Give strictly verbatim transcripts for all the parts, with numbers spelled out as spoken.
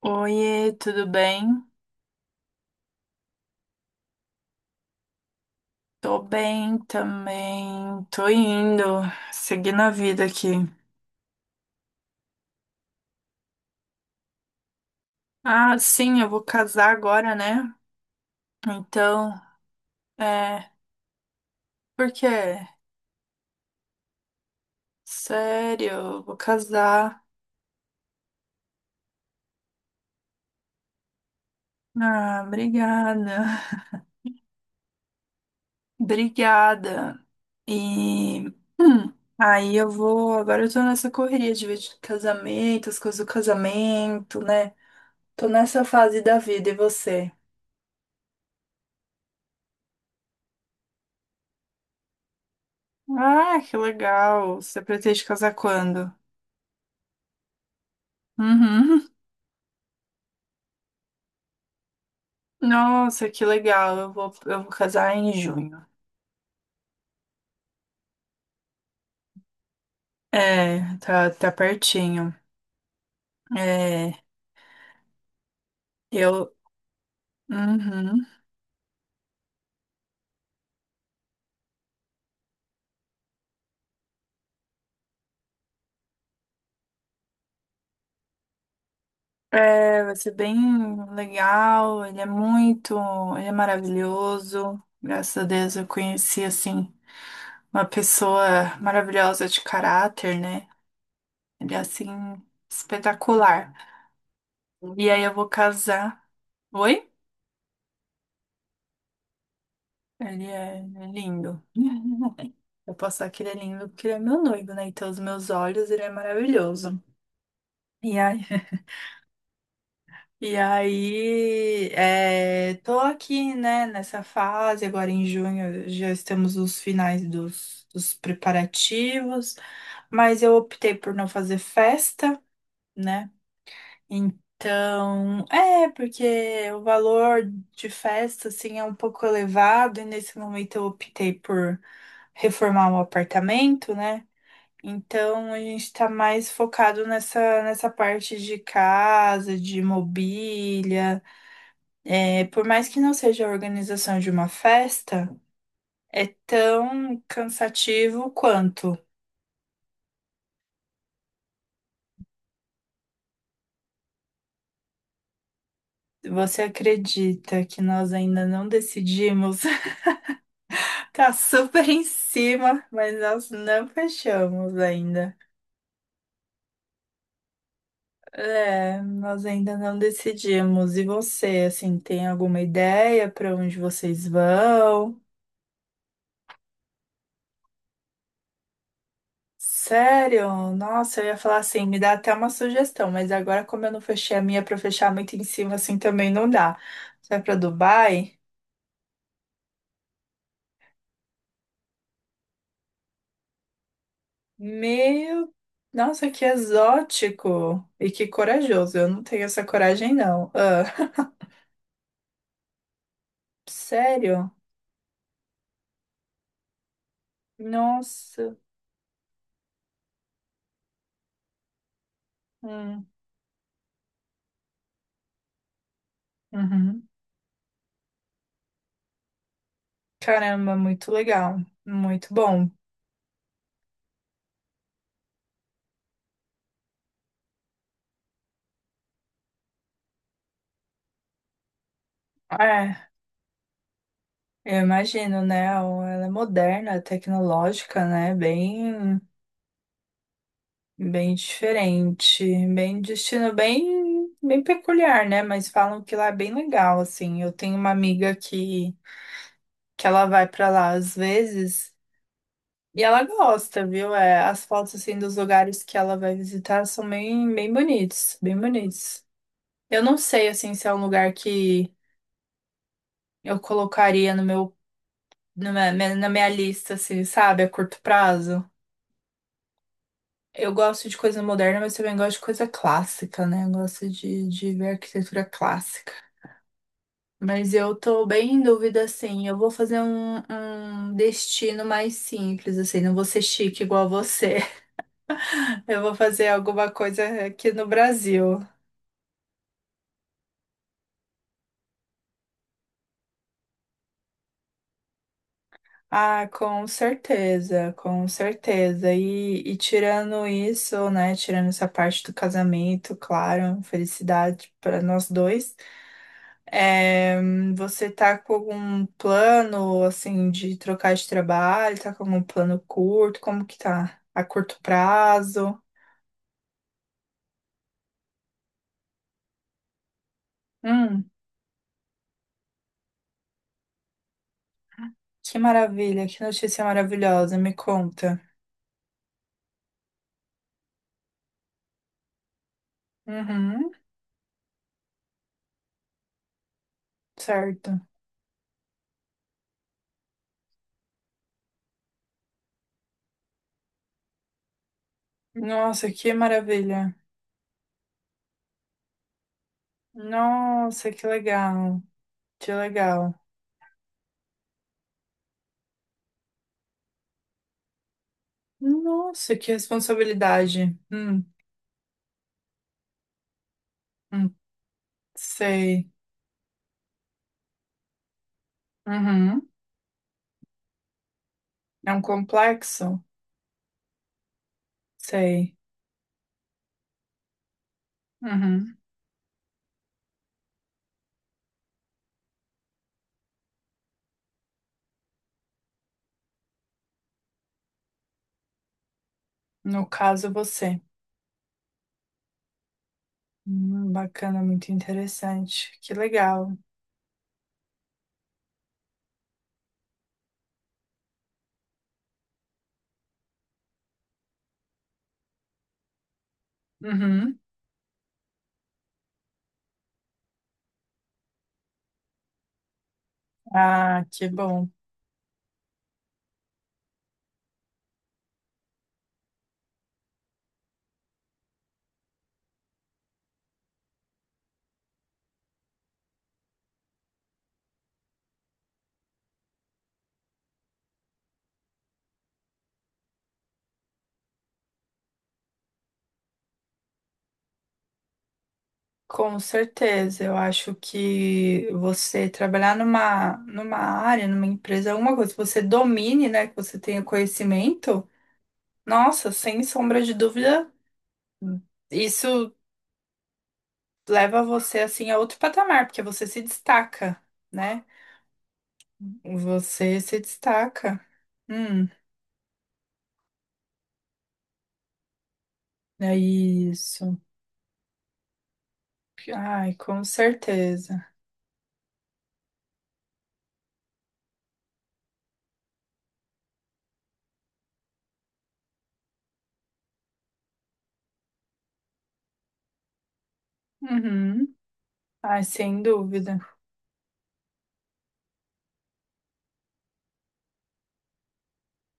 Oiê, tudo bem? Tô bem também. Tô indo, seguindo a vida aqui. Ah, sim, eu vou casar agora, né? Então, é. Por quê? Sério, eu vou casar. Ah, obrigada. Obrigada. E. hum, aí eu vou. Agora eu tô nessa correria de vídeo de casamento, as coisas do casamento, né? Tô nessa fase da vida, e você? Ah, que legal. Você pretende casar quando? Uhum. Nossa, que legal. Eu vou, eu vou casar em junho. É, tá, tá pertinho. É, eu. Uhum. É, vai ser bem legal. Ele é muito. Ele é maravilhoso. Graças a Deus eu conheci, assim, uma pessoa maravilhosa de caráter, né? Ele é, assim, espetacular. E aí eu vou casar. Oi? Ele é lindo. Eu posso falar que ele é lindo porque ele é meu noivo, né? Então, os meus olhos, ele é maravilhoso. E aí, e aí é, tô aqui, né, nessa fase, agora em junho já estamos nos finais dos, dos preparativos, mas eu optei por não fazer festa, né? Então, é, porque o valor de festa, assim, é um pouco elevado, e nesse momento eu optei por reformar o apartamento, né? Então a gente está mais focado nessa, nessa parte de casa, de mobília. É, por mais que não seja a organização de uma festa, é tão cansativo quanto. Você acredita que nós ainda não decidimos? Tá super em cima, mas nós não fechamos ainda. É, nós ainda não decidimos. E você, assim, tem alguma ideia para onde vocês vão? Sério? Nossa, eu ia falar assim, me dá até uma sugestão, mas agora como eu não fechei a minha para fechar muito em cima assim também não dá. Você vai para Dubai? Meu, nossa, que exótico e que corajoso. Eu não tenho essa coragem não. Ah, sério? Nossa. Hum, uhum. Caramba, muito legal, muito bom. É, eu imagino, né? Ela é moderna, tecnológica, né? Bem Bem diferente, bem destino bem bem peculiar, né? Mas falam que lá é bem legal, assim. Eu tenho uma amiga que que ela vai pra lá às vezes e ela gosta, viu? É, as fotos assim dos lugares que ela vai visitar são bem bem bonitos, bem bonitos. Eu não sei assim se é um lugar que eu colocaria no meu na minha, na minha lista, assim, sabe, a curto prazo. Eu gosto de coisa moderna, mas também gosto de coisa clássica, né? Eu gosto de, de ver arquitetura clássica. Mas eu tô bem em dúvida, assim. Eu vou fazer um, um destino mais simples, assim. Não vou ser chique igual você. Eu vou fazer alguma coisa aqui no Brasil. Ah, com certeza, com certeza. E, e tirando isso, né? Tirando essa parte do casamento, claro, felicidade para nós dois. É, você tá com algum plano, assim, de trocar de trabalho? Tá com algum plano curto? Como que tá? A curto prazo? Hum, que maravilha, que notícia maravilhosa, me conta. Uhum, certo. Nossa, que maravilha. Nossa, que legal, que legal. Nossa, que responsabilidade. Hum, hum, sei. Uhum, é um complexo? Sei. Uhum, no caso, você. Hum, bacana, muito interessante. Que legal. Uhum. Ah, que bom. Com certeza, eu acho que você trabalhar numa, numa área, numa empresa, é uma coisa que você domine, né, que você tenha conhecimento, nossa, sem sombra de dúvida, isso leva você, assim, a outro patamar, porque você se destaca, né? Você se destaca. Hum, É isso. Ai, com certeza. Uhum. Ai, sem dúvida.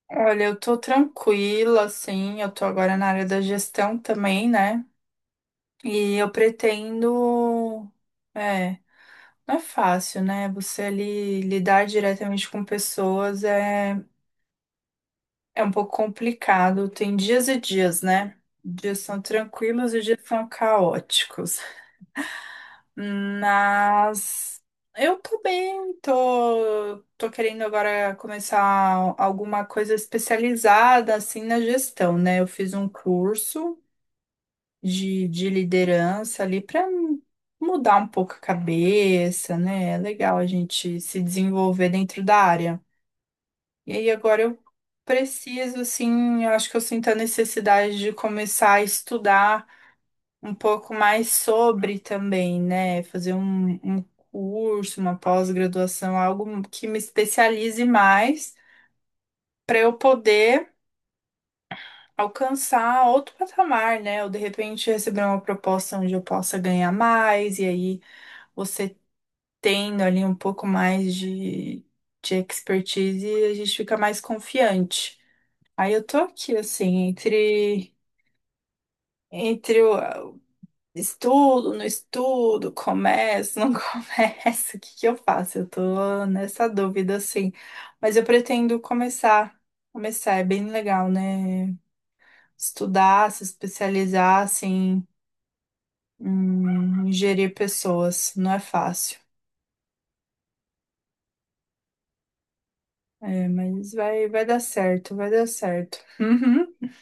Olha, eu tô tranquila, assim, eu tô agora na área da gestão também, né? E eu pretendo. É, não é fácil, né? Você ali lidar diretamente com pessoas é, é um pouco complicado. Tem dias e dias, né? Dias são tranquilos e dias são caóticos. Mas eu tô bem, tô, tô querendo agora começar alguma coisa especializada assim na gestão, né? Eu fiz um curso de, de liderança ali para mudar um pouco a cabeça, né? É legal a gente se desenvolver dentro da área. E aí agora eu preciso, assim, eu acho que eu sinto a necessidade de começar a estudar um pouco mais sobre também, né? Fazer um, um curso, uma pós-graduação, algo que me especialize mais para eu poder alcançar outro patamar, né? Ou de repente receber uma proposta onde eu possa ganhar mais, e aí você tendo ali um pouco mais de, de expertise, a gente fica mais confiante. Aí eu tô aqui, assim, entre. Entre o, Estudo, não estudo, começo, não começo, o que que eu faço? Eu tô nessa dúvida, assim. Mas eu pretendo começar, começar, é bem legal, né? Estudar, se especializar, assim, em gerir pessoas, não é fácil. É, mas vai, vai dar certo, vai dar certo. Uhum.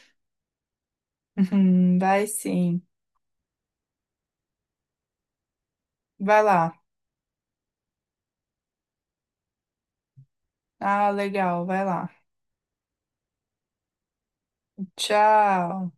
Uhum, Vai sim, vai lá. Ah, legal, vai lá. Tchau.